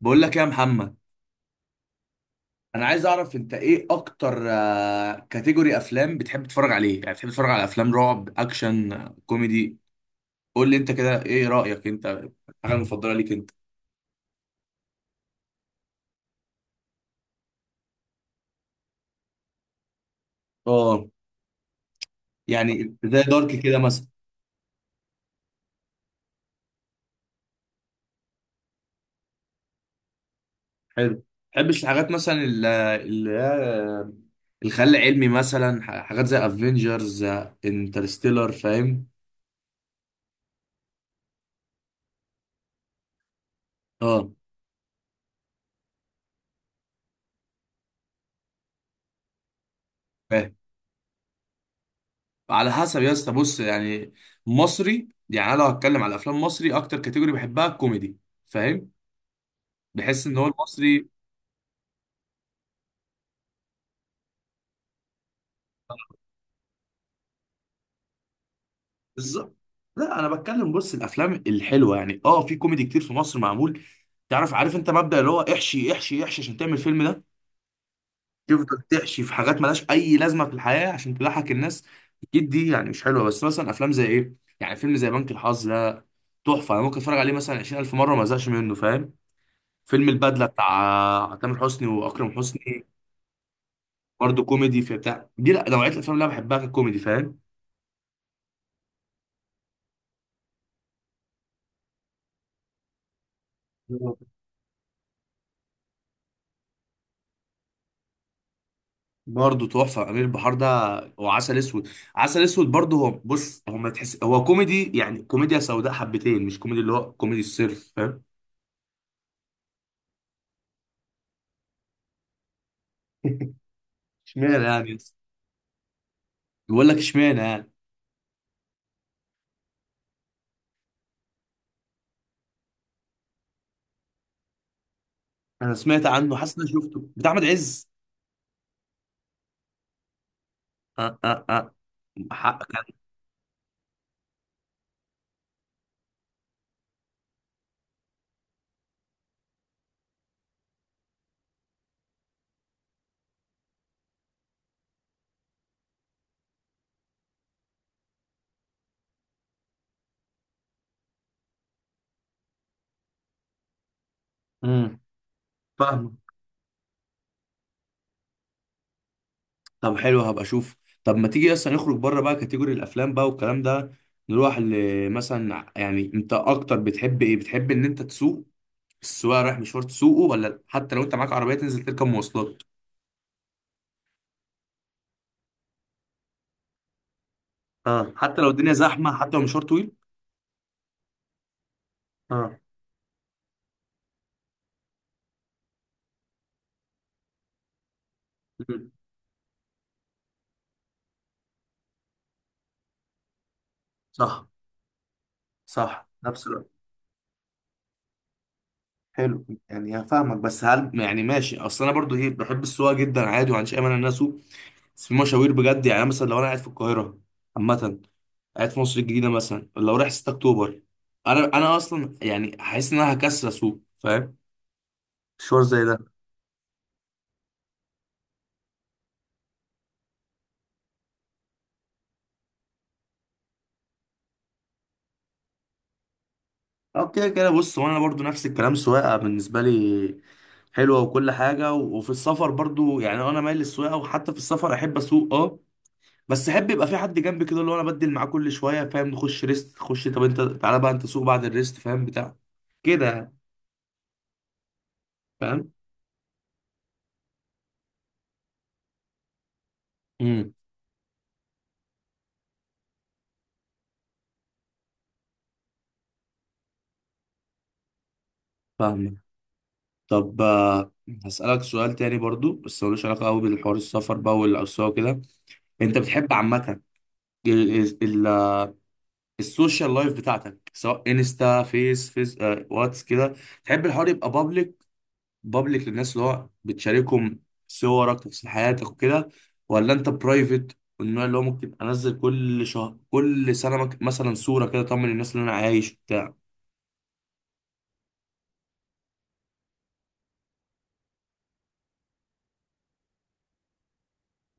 بقول لك إيه يا محمد؟ انا عايز اعرف انت ايه اكتر كاتيجوري افلام بتحب تتفرج عليه؟ يعني بتحب تتفرج على افلام رعب، اكشن، كوميدي؟ قول لي انت كده ايه رايك؟ انت الحاجه المفضله ليك انت؟ اه. يعني زي دارك كده مثلا. حلو. تحبش الحاجات مثلا الخيال العلمي مثلا؟ حاجات زي افنجرز، انترستيلر، فاهم؟ اه، فاهم. على حسب يا اسطى. بص يعني مصري، يعني انا لو هتكلم على افلام مصري، اكتر كاتيجوري بحبها الكوميدي، فاهم؟ بحس ان هو المصري. بالظبط. لا انا بتكلم، بص الافلام الحلوه يعني. اه، في كوميدي كتير في مصر معمول. تعرف، عارف انت مبدأ اللي هو احشي احشي احشي عشان تعمل فيلم؟ ده تفضل تحشي في حاجات ملهاش اي لازمه في الحياه عشان تضحك الناس. اكيد دي يعني مش حلوه، بس مثلا افلام زي ايه، يعني فيلم زي بنك الحظ ده تحفه. انا ممكن اتفرج عليه مثلا 20,000 مره، ما ازهقش منه، فاهم؟ فيلم البدله بتاع تامر حسني واكرم حسني، برضه كوميدي في بتاع دي. لا، نوعيه الافلام اللي انا بحبها ككوميدي، فاهم؟ برضه تحفه امير البحار ده، وعسل اسود. عسل اسود برضه، هو بص، هو ما تحس، هو كوميدي يعني كوميديا سوداء حبتين، مش كوميدي اللي هو كوميدي الصرف، فاهم؟ اشمعنى يعني يس؟ بيقول لك اشمعنى يعني. انا سمعت عنه، حاسس اني شفته، بتاع احمد عز؟ اه اه اه. حقك يعني. امم. فاهمه. طب حلو، هبقى اشوف. طب ما تيجي اصلا نخرج بره بقى كاتيجوري الافلام بقى والكلام ده. نروح مثلا، يعني انت اكتر بتحب ايه؟ بتحب ان انت تسوق؟ السواق رايح مشوار تسوقه ولا لا؟ حتى لو انت معاك عربيه تنزل تركب مواصلات؟ اه، حتى لو الدنيا زحمه، حتى لو مشوار طويل؟ اه. مم. صح. صح، نفس الوقت. حلو، يعني هفهمك. بس هل يعني ماشي؟ اصل انا برضو ايه، بحب السواقه جدا عادي، وما عنديش اي مانع ان انا اسوق، بس في مشاوير بجد يعني. أنا مثلا لو قاعد في القاهره عامه، قاعد في مصر الجديده مثلا، لو رايح 6 اكتوبر، انا اصلا يعني حاسس ان انا هكسر اسوق، فاهم؟ مشوار زي ده. اه، كده كده. بص، وانا برضو نفس الكلام. سواقه بالنسبه لي حلوه وكل حاجه، وفي السفر برضو يعني انا مايل للسواقه، وحتى في السفر احب اسوق، اه. بس احب يبقى في حد جنبي كده، اللي هو انا بدل معاه كل شويه، فاهم؟ نخش ريست، خش طب انت تعالى بقى انت سوق بعد الريست، فاهم بتاع كده يعني، فاهم؟ امم. فاهمك. طب هسألك سؤال تاني برضو، بس ملوش علاقة قوي بالحوار السفر بقى والأسواق وكده. انت بتحب عامة السوشيال لايف بتاعتك، سواء انستا، فيس فيس، واتس كده، تحب الحوار يبقى بابليك؟ بابليك للناس اللي هو بتشاركهم صورك، تفاصيل حياتك وكده؟ ولا انت برايفت، والنوع اللي هو ممكن انزل كل شهر، كل سنه، مثلا صوره كده اطمن الناس اللي انا عايش، بتاع؟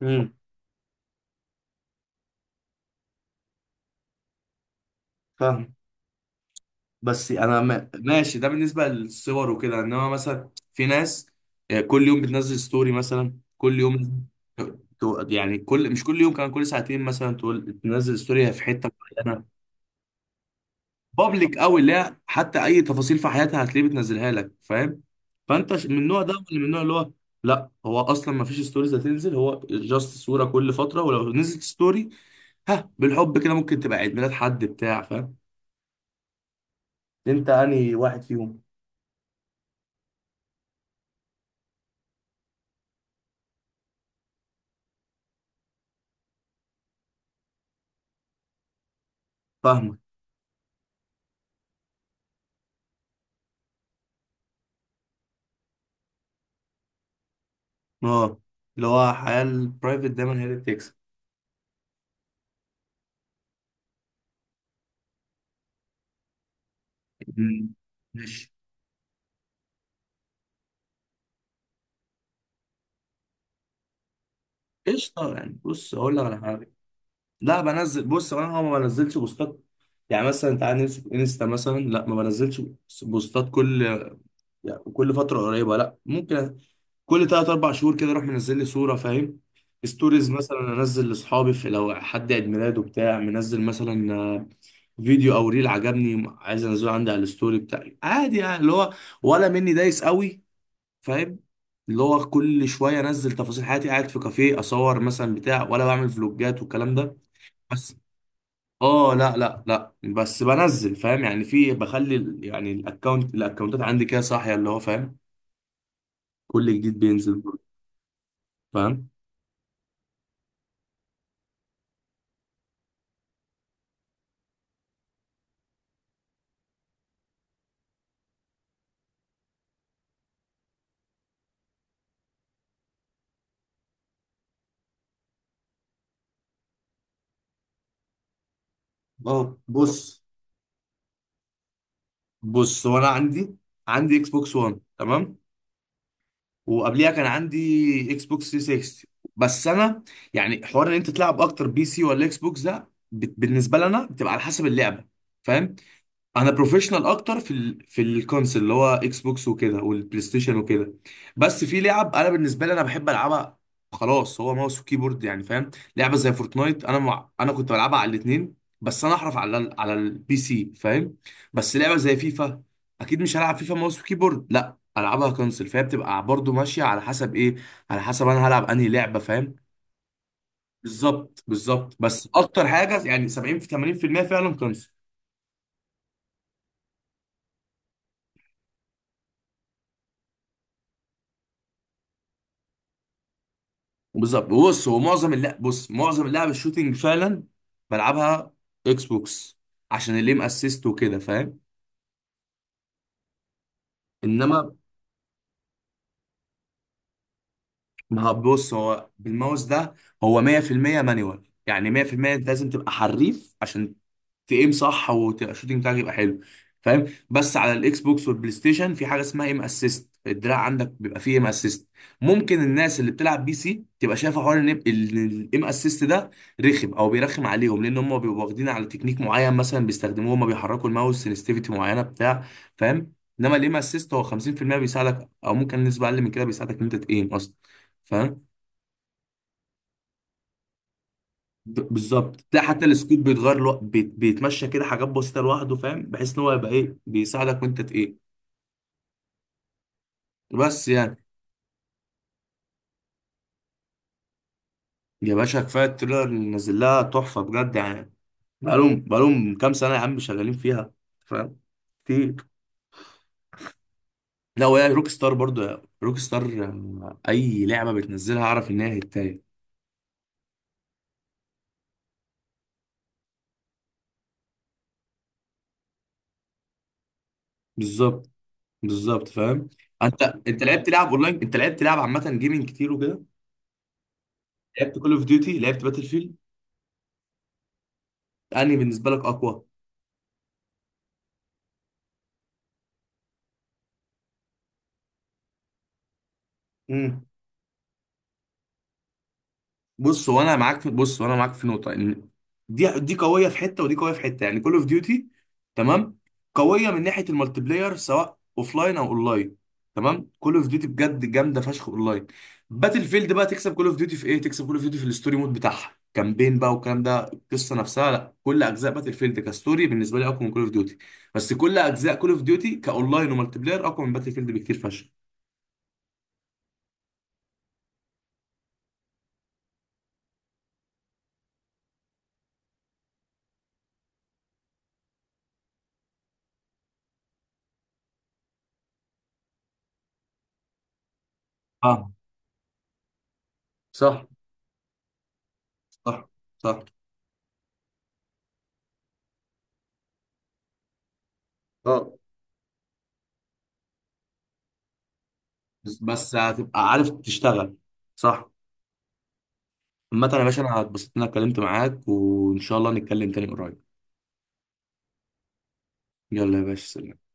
امم. فاهم. بس انا ماشي ده بالنسبه للصور وكده، انما مثلا في ناس كل يوم بتنزل ستوري، مثلا كل يوم، يعني كل، مش كل يوم كمان، كل ساعتين مثلا تقول تنزل ستوري في حته معينه، بابليك قوي، اللي هي حتى اي تفاصيل في حياتها هتلاقيه بتنزلها لك، فاهم؟ فانت من النوع ده، ولا من النوع اللي هو لا، هو اصلا ما فيش ستوريز هتنزل، هو جاست صوره كل فتره، ولو نزلت ستوري ها بالحب كده ممكن تبقى عيد ميلاد حد، بتاع، فاهم؟ انت انهي واحد فيهم؟ فاهمك. اه، اللي هو الحياة البرايفت دايما هي اللي بتكسب. مم. مش قشطة يعني، بص أقول لك على حاجة. لا بنزل، بص، أنا ما بنزلش بوستات يعني. مثلا تعالى نمسك انستا مثلا، لا ما بنزلش بوستات كل، يعني كل فترة قريبة، لا. ممكن كل تلات أربع شهور كده أروح منزل لي صورة، فاهم؟ ستوريز مثلا أنزل لأصحابي، في لو حد عيد ميلاده بتاع منزل مثلا، فيديو أو ريل عجبني، عايز أنزله عندي على الستوري بتاعي، عادي يعني. اللي هو ولا مني دايس قوي، فاهم؟ اللي هو كل شويه انزل تفاصيل حياتي، قاعد في كافيه اصور مثلا، بتاع، ولا بعمل فلوجات والكلام ده. بس اه، لا لا لا، بس بنزل، فاهم يعني؟ في، بخلي يعني الاكونت، الاكونتات عندي كده صاحيه، اللي هو فاهم، كل جديد بينزل. فاهم. اه بص. بص هو انا عندي عندي اكس بوكس 1، تمام؟ وقبليها كان عندي اكس بوكس 360. بس انا يعني، حوار ان انت تلعب اكتر بي سي ولا اكس بوكس، ده بالنسبه لنا بتبقى على حسب اللعبه، فاهم؟ انا بروفيشنال اكتر في في الكونسل، اللي هو اكس بوكس وكده والبلاي ستيشن وكده. بس في لعب انا بالنسبه لي انا بحب العبها، خلاص هو ماوس وكيبورد يعني، فاهم؟ لعبه زي فورتنايت، انا انا كنت بلعبها على الاثنين، بس انا احرف على على البي سي، فاهم؟ بس لعبه زي فيفا، اكيد مش هلعب فيفا ماوس وكيبورد، لا العبها كونسل. فهي بتبقى برضو ماشيه على حسب ايه، على حسب انا هلعب انهي لعبه، فاهم؟ بالظبط بالظبط. بس اكتر حاجه يعني 70 في 80% فعلا كونسل. بالظبط. بص معظم اللعب الشوتينج فعلا بلعبها اكس بوكس، عشان الليم اسيست وكده، فاهم؟ انما، ما هو بص، هو بالماوس ده هو 100% مانيوال، يعني 100% انت لازم تبقى حريف عشان تقيم صح وتبقى الشوتنج بتاعك يبقى حلو، فاهم؟ بس على الاكس بوكس والبلاي ستيشن في حاجه اسمها ايم اسيست، الدراع عندك بيبقى فيه ايم اسيست. ممكن الناس اللي بتلعب بي سي تبقى شايفه حوار ان الايم اسيست ده رخم، او بيرخم عليهم، لان هم بيبقوا واخدين على تكنيك معين مثلا بيستخدموه، هم بيحركوا الماوس سنسيتيفيتي معينه، بتاع، فاهم؟ انما الايم اسيست هو 50% بيساعدك، او ممكن نسبه اقل من كده بيساعدك ان انت تقيم اصلا، فاهم؟ بالظبط، تلاقي حتى السكوت بيتغير بيتمشى كده، حاجات بسيطه لوحده، فاهم؟ بحيث ان هو يبقى ايه، بيساعدك وانت ايه، بس يعني. يا باشا كفايه التريلر اللي نازل لها تحفه بجد يعني. بقالهم كام سنه يا عم شغالين فيها، فاهم؟ كتير. لا وهي روك ستار، برضه روك ستار، اي لعبه بتنزلها اعرف ان هي هتايه. بالظبط بالظبط، فاهم. انت لعبت لعب اونلاين، انت لعبت لعب عامه جيمنج كتير وكده، لعبت كول اوف ديوتي، لعبت باتل فيلد، انهي بالنسبه لك اقوى؟ امم. بص هو انا معاك في نقطه، ان دي قويه في حته ودي قويه في حته، يعني كول اوف ديوتي، تمام، قويه من ناحيه المالتي بلاير، سواء لاين او اونلاين، تمام. كول اوف ديوتي بجد جامده فشخ اونلاين. باتل فيلد بقى تكسب كول اوف ديوتي في ايه، تكسب كول اوف ديوتي في الستوري مود بتاعها، كامبين بقى والكلام ده، القصه نفسها. لا كل اجزاء باتل فيلد كستوري بالنسبه لي اقوى من كول اوف ديوتي، بس كل اجزاء كول اوف ديوتي كاونلاين ومالتي بلاير اقوى من باتل فيلد بكتير فشخ. اه. صح صح صح. اه بس بس هتبقى عارف تشتغل، صح. عامة يا باشا انا اتبسطت ان انا اتكلمت معاك، وان شاء الله نتكلم تاني قريب. يلا يا باشا، سلام.